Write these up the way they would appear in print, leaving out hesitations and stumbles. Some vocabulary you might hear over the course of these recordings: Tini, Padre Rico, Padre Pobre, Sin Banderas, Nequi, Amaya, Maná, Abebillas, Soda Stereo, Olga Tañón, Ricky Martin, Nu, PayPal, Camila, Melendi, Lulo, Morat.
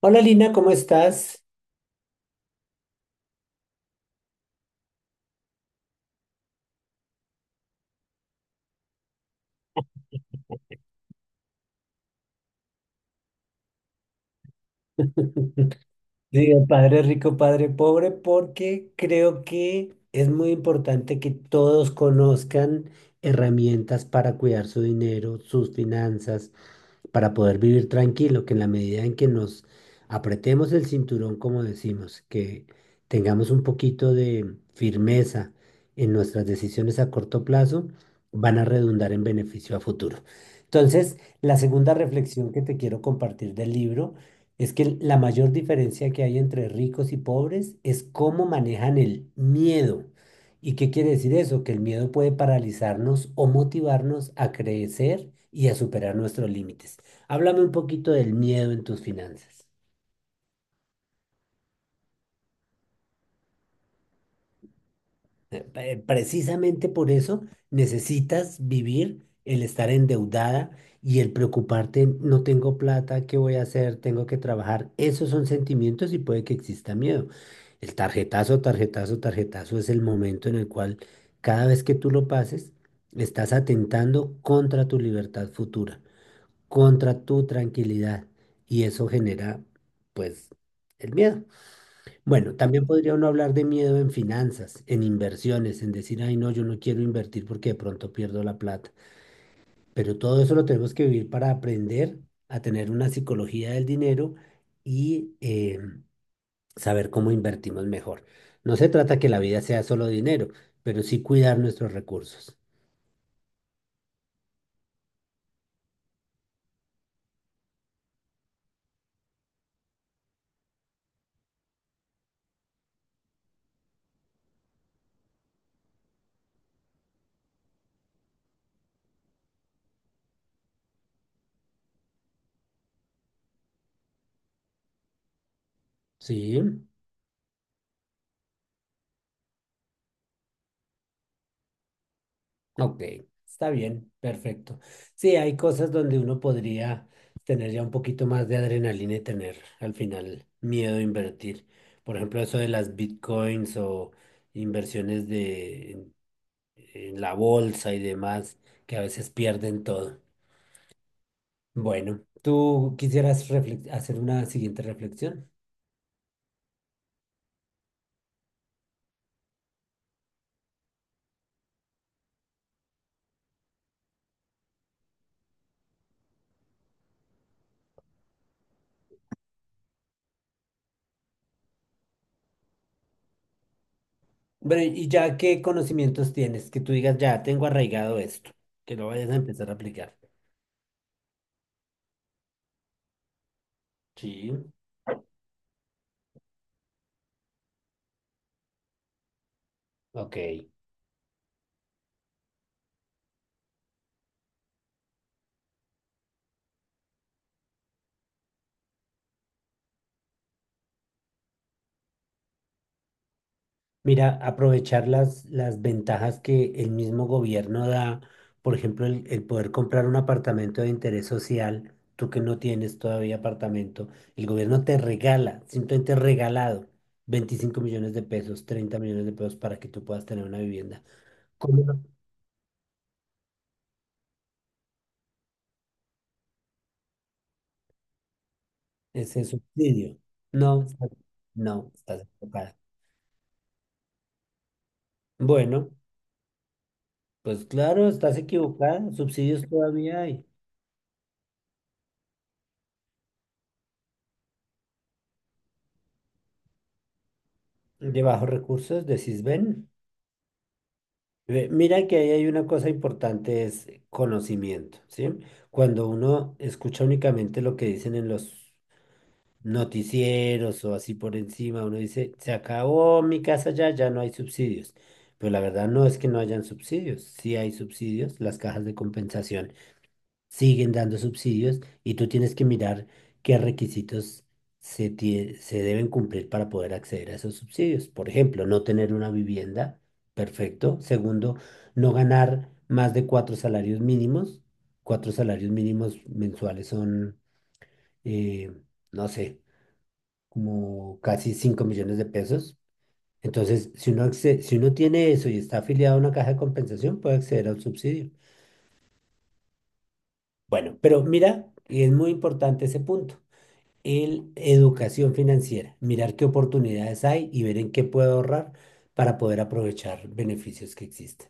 Hola Lina, ¿cómo estás? Digo, padre rico, padre pobre, porque creo que es muy importante que todos conozcan herramientas para cuidar su dinero, sus finanzas, para poder vivir tranquilo, que en la medida en que nos apretemos el cinturón, como decimos, que tengamos un poquito de firmeza en nuestras decisiones a corto plazo, van a redundar en beneficio a futuro. Entonces, la segunda reflexión que te quiero compartir del libro es que la mayor diferencia que hay entre ricos y pobres es cómo manejan el miedo. ¿Y qué quiere decir eso? Que el miedo puede paralizarnos o motivarnos a crecer y a superar nuestros límites. Háblame un poquito del miedo en tus finanzas. Precisamente por eso necesitas vivir el estar endeudada y el preocuparte, no tengo plata, ¿qué voy a hacer? Tengo que trabajar. Esos son sentimientos y puede que exista miedo. El tarjetazo, tarjetazo, tarjetazo es el momento en el cual cada vez que tú lo pases, estás atentando contra tu libertad futura, contra tu tranquilidad y eso genera, pues, el miedo. Bueno, también podría uno hablar de miedo en finanzas, en inversiones, en decir, ay, no, yo no quiero invertir porque de pronto pierdo la plata. Pero todo eso lo tenemos que vivir para aprender a tener una psicología del dinero y saber cómo invertimos mejor. No se trata que la vida sea solo dinero, pero sí cuidar nuestros recursos. Sí. Ok, está bien, perfecto. Sí, hay cosas donde uno podría tener ya un poquito más de adrenalina y tener al final miedo a invertir. Por ejemplo, eso de las bitcoins o inversiones de, en la bolsa y demás, que a veces pierden todo. Bueno, ¿tú quisieras hacer una siguiente reflexión? Bueno, y ya qué conocimientos tienes, que tú digas, ya tengo arraigado esto, que lo vayas a empezar a aplicar. Sí, ok. Mira, aprovechar las ventajas que el mismo gobierno da, por ejemplo, el poder comprar un apartamento de interés social, tú que no tienes todavía apartamento, el gobierno te regala, simplemente regalado, 25 millones de pesos, 30 millones de pesos para que tú puedas tener una vivienda. ¿Cómo no? Ese subsidio. No, no, estás equivocada. Bueno, pues claro, estás equivocada, subsidios todavía hay. De bajos recursos, decís, ven. Ve, mira que ahí hay una cosa importante, es conocimiento, ¿sí? Cuando uno escucha únicamente lo que dicen en los noticieros o así por encima, uno dice, se acabó mi casa ya, ya no hay subsidios. Pero la verdad no es que no hayan subsidios, sí hay subsidios, las cajas de compensación siguen dando subsidios y tú tienes que mirar qué requisitos se deben cumplir para poder acceder a esos subsidios. Por ejemplo, no tener una vivienda, perfecto. Segundo, no ganar más de 4 salarios mínimos. 4 salarios mínimos mensuales son, eh, no sé, como casi 5 millones de pesos. Entonces, si uno, si uno tiene eso y está afiliado a una caja de compensación, puede acceder a un subsidio. Bueno, pero mira, y es muy importante ese punto. El educación financiera, mirar qué oportunidades hay y ver en qué puedo ahorrar para poder aprovechar beneficios que existen.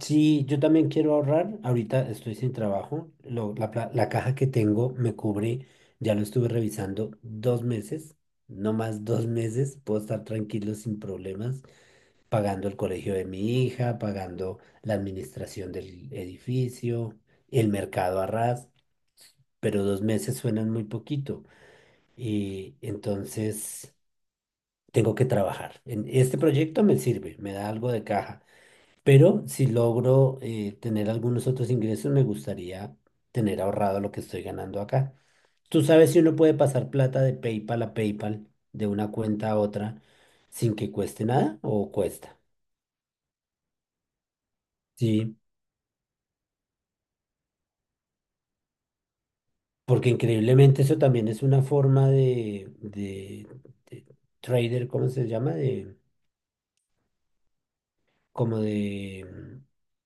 Sí, yo también quiero ahorrar. Ahorita estoy sin trabajo. La caja que tengo me cubre, ya lo estuve revisando, 2 meses, no más 2 meses. Puedo estar tranquilo sin problemas, pagando el colegio de mi hija, pagando la administración del edificio, el mercado a ras, pero 2 meses suenan muy poquito. Y entonces tengo que trabajar. En este proyecto me sirve, me da algo de caja, pero si logro tener algunos otros ingresos, me gustaría tener ahorrado lo que estoy ganando acá. ¿Tú sabes si uno puede pasar plata de PayPal a PayPal, de una cuenta a otra, sin que cueste nada o cuesta? Sí, porque increíblemente eso también es una forma de trader, ¿cómo se llama? Como mm,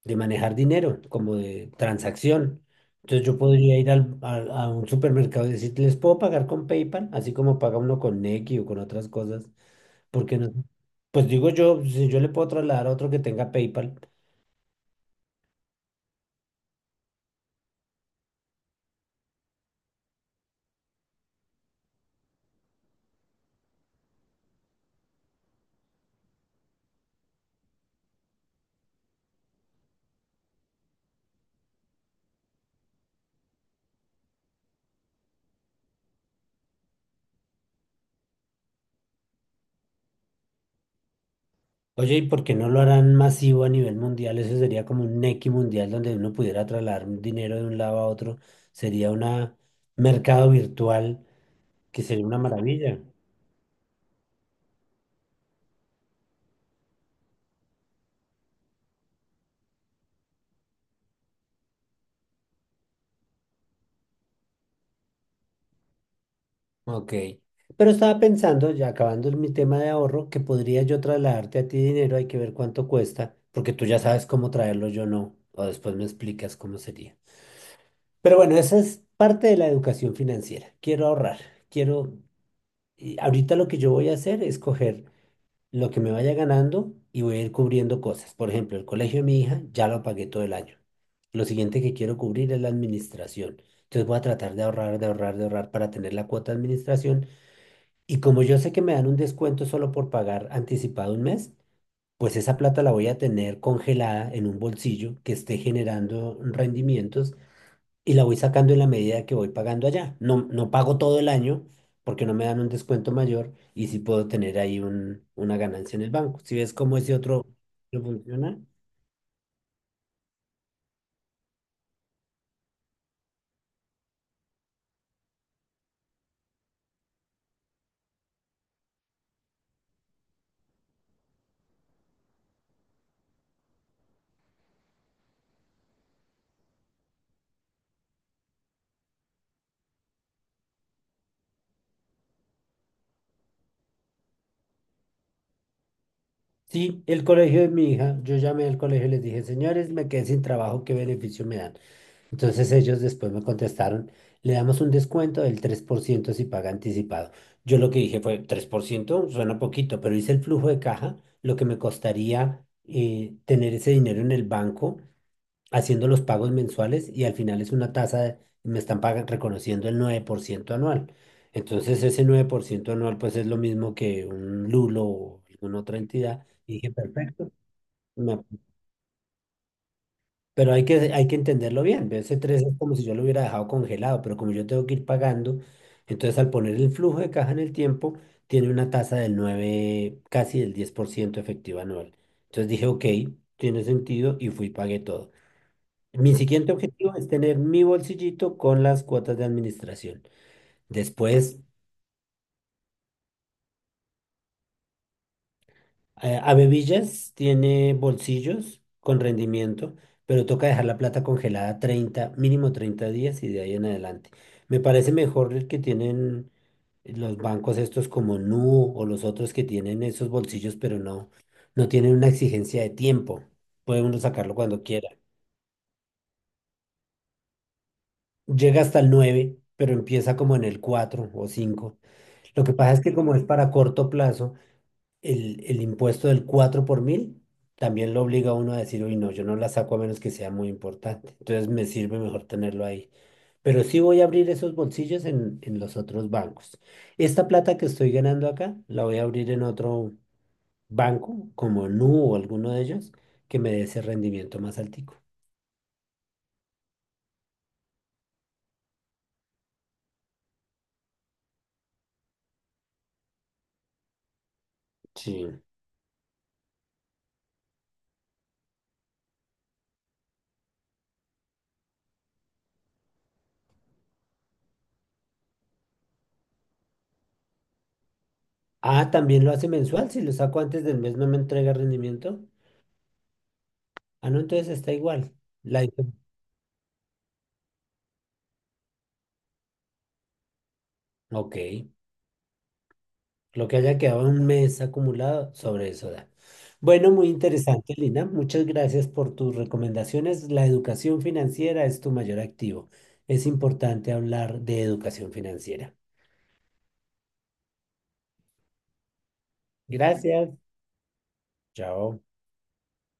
de manejar dinero, como de transacción. Entonces yo podría ir a un supermercado y decir, les puedo pagar con PayPal, así como paga uno con Nequi o con otras cosas, porque no. Pues digo yo, si yo le puedo trasladar a otro que tenga PayPal. Oye, ¿y por qué no lo harán masivo a nivel mundial? Eso sería como un Nequi mundial donde uno pudiera trasladar un dinero de un lado a otro. Sería un mercado virtual que sería una maravilla. Ok. Pero estaba pensando, ya acabando mi tema de ahorro, que podría yo trasladarte a ti dinero, hay que ver cuánto cuesta, porque tú ya sabes cómo traerlo, yo no, o después me explicas cómo sería. Pero bueno, esa es parte de la educación financiera. Quiero ahorrar, quiero... Y ahorita lo que yo voy a hacer es coger lo que me vaya ganando y voy a ir cubriendo cosas. Por ejemplo, el colegio de mi hija ya lo pagué todo el año. Lo siguiente que quiero cubrir es la administración. Entonces voy a tratar de ahorrar, de ahorrar, de ahorrar para tener la cuota de administración y como yo sé que me dan un descuento solo por pagar anticipado un mes, pues esa plata la voy a tener congelada en un bolsillo que esté generando rendimientos y la voy sacando en la medida que voy pagando allá. No, no pago todo el año porque no me dan un descuento mayor y sí puedo tener ahí un, una ganancia en el banco. ¿Si ves cómo ese otro no funciona? Sí, el colegio de mi hija, yo llamé al colegio y les dije, señores, me quedé sin trabajo, ¿qué beneficio me dan? Entonces ellos después me contestaron, le damos un descuento del 3% si paga anticipado. Yo lo que dije fue, 3% suena poquito, pero hice el flujo de caja, lo que me costaría tener ese dinero en el banco haciendo los pagos mensuales y al final es una tasa. Me están reconociendo el 9% anual. Entonces ese 9% anual pues es lo mismo que un Lulo o alguna otra entidad. Y dije, perfecto, me pero hay que entenderlo bien. Ese 3 es como si yo lo hubiera dejado congelado, pero como yo tengo que ir pagando, entonces al poner el flujo de caja en el tiempo, tiene una tasa del 9 casi del 10% efectiva anual. Entonces dije, ok, tiene sentido y fui y pagué todo. Mi siguiente objetivo es tener mi bolsillito con las cuotas de administración. Después Abebillas tiene bolsillos con rendimiento, pero toca dejar la plata congelada 30 mínimo 30 días y de ahí en adelante. Me parece mejor el que tienen los bancos estos como Nu o los otros que tienen esos bolsillos, pero no, no tienen una exigencia de tiempo. Puede uno sacarlo cuando quiera. Llega hasta el 9, pero empieza como en el 4 o 5. Lo que pasa es que como es para corto plazo, el impuesto del 4 por mil también lo obliga a uno a decir, uy, no, yo no la saco a menos que sea muy importante. Entonces me sirve mejor tenerlo ahí. Pero sí voy a abrir esos bolsillos en los otros bancos. Esta plata que estoy ganando acá, la voy a abrir en otro banco, como Nu o alguno de ellos, que me dé ese rendimiento más altico. Sí. Ah, también lo hace mensual. Si lo saco antes del mes, no me entrega rendimiento. Ah, no, entonces está igual. La... diferen- Ok. Lo que haya quedado un mes acumulado, sobre eso da. Bueno, muy interesante, Lina. Muchas gracias por tus recomendaciones. La educación financiera es tu mayor activo. Es importante hablar de educación financiera. Gracias. Chao.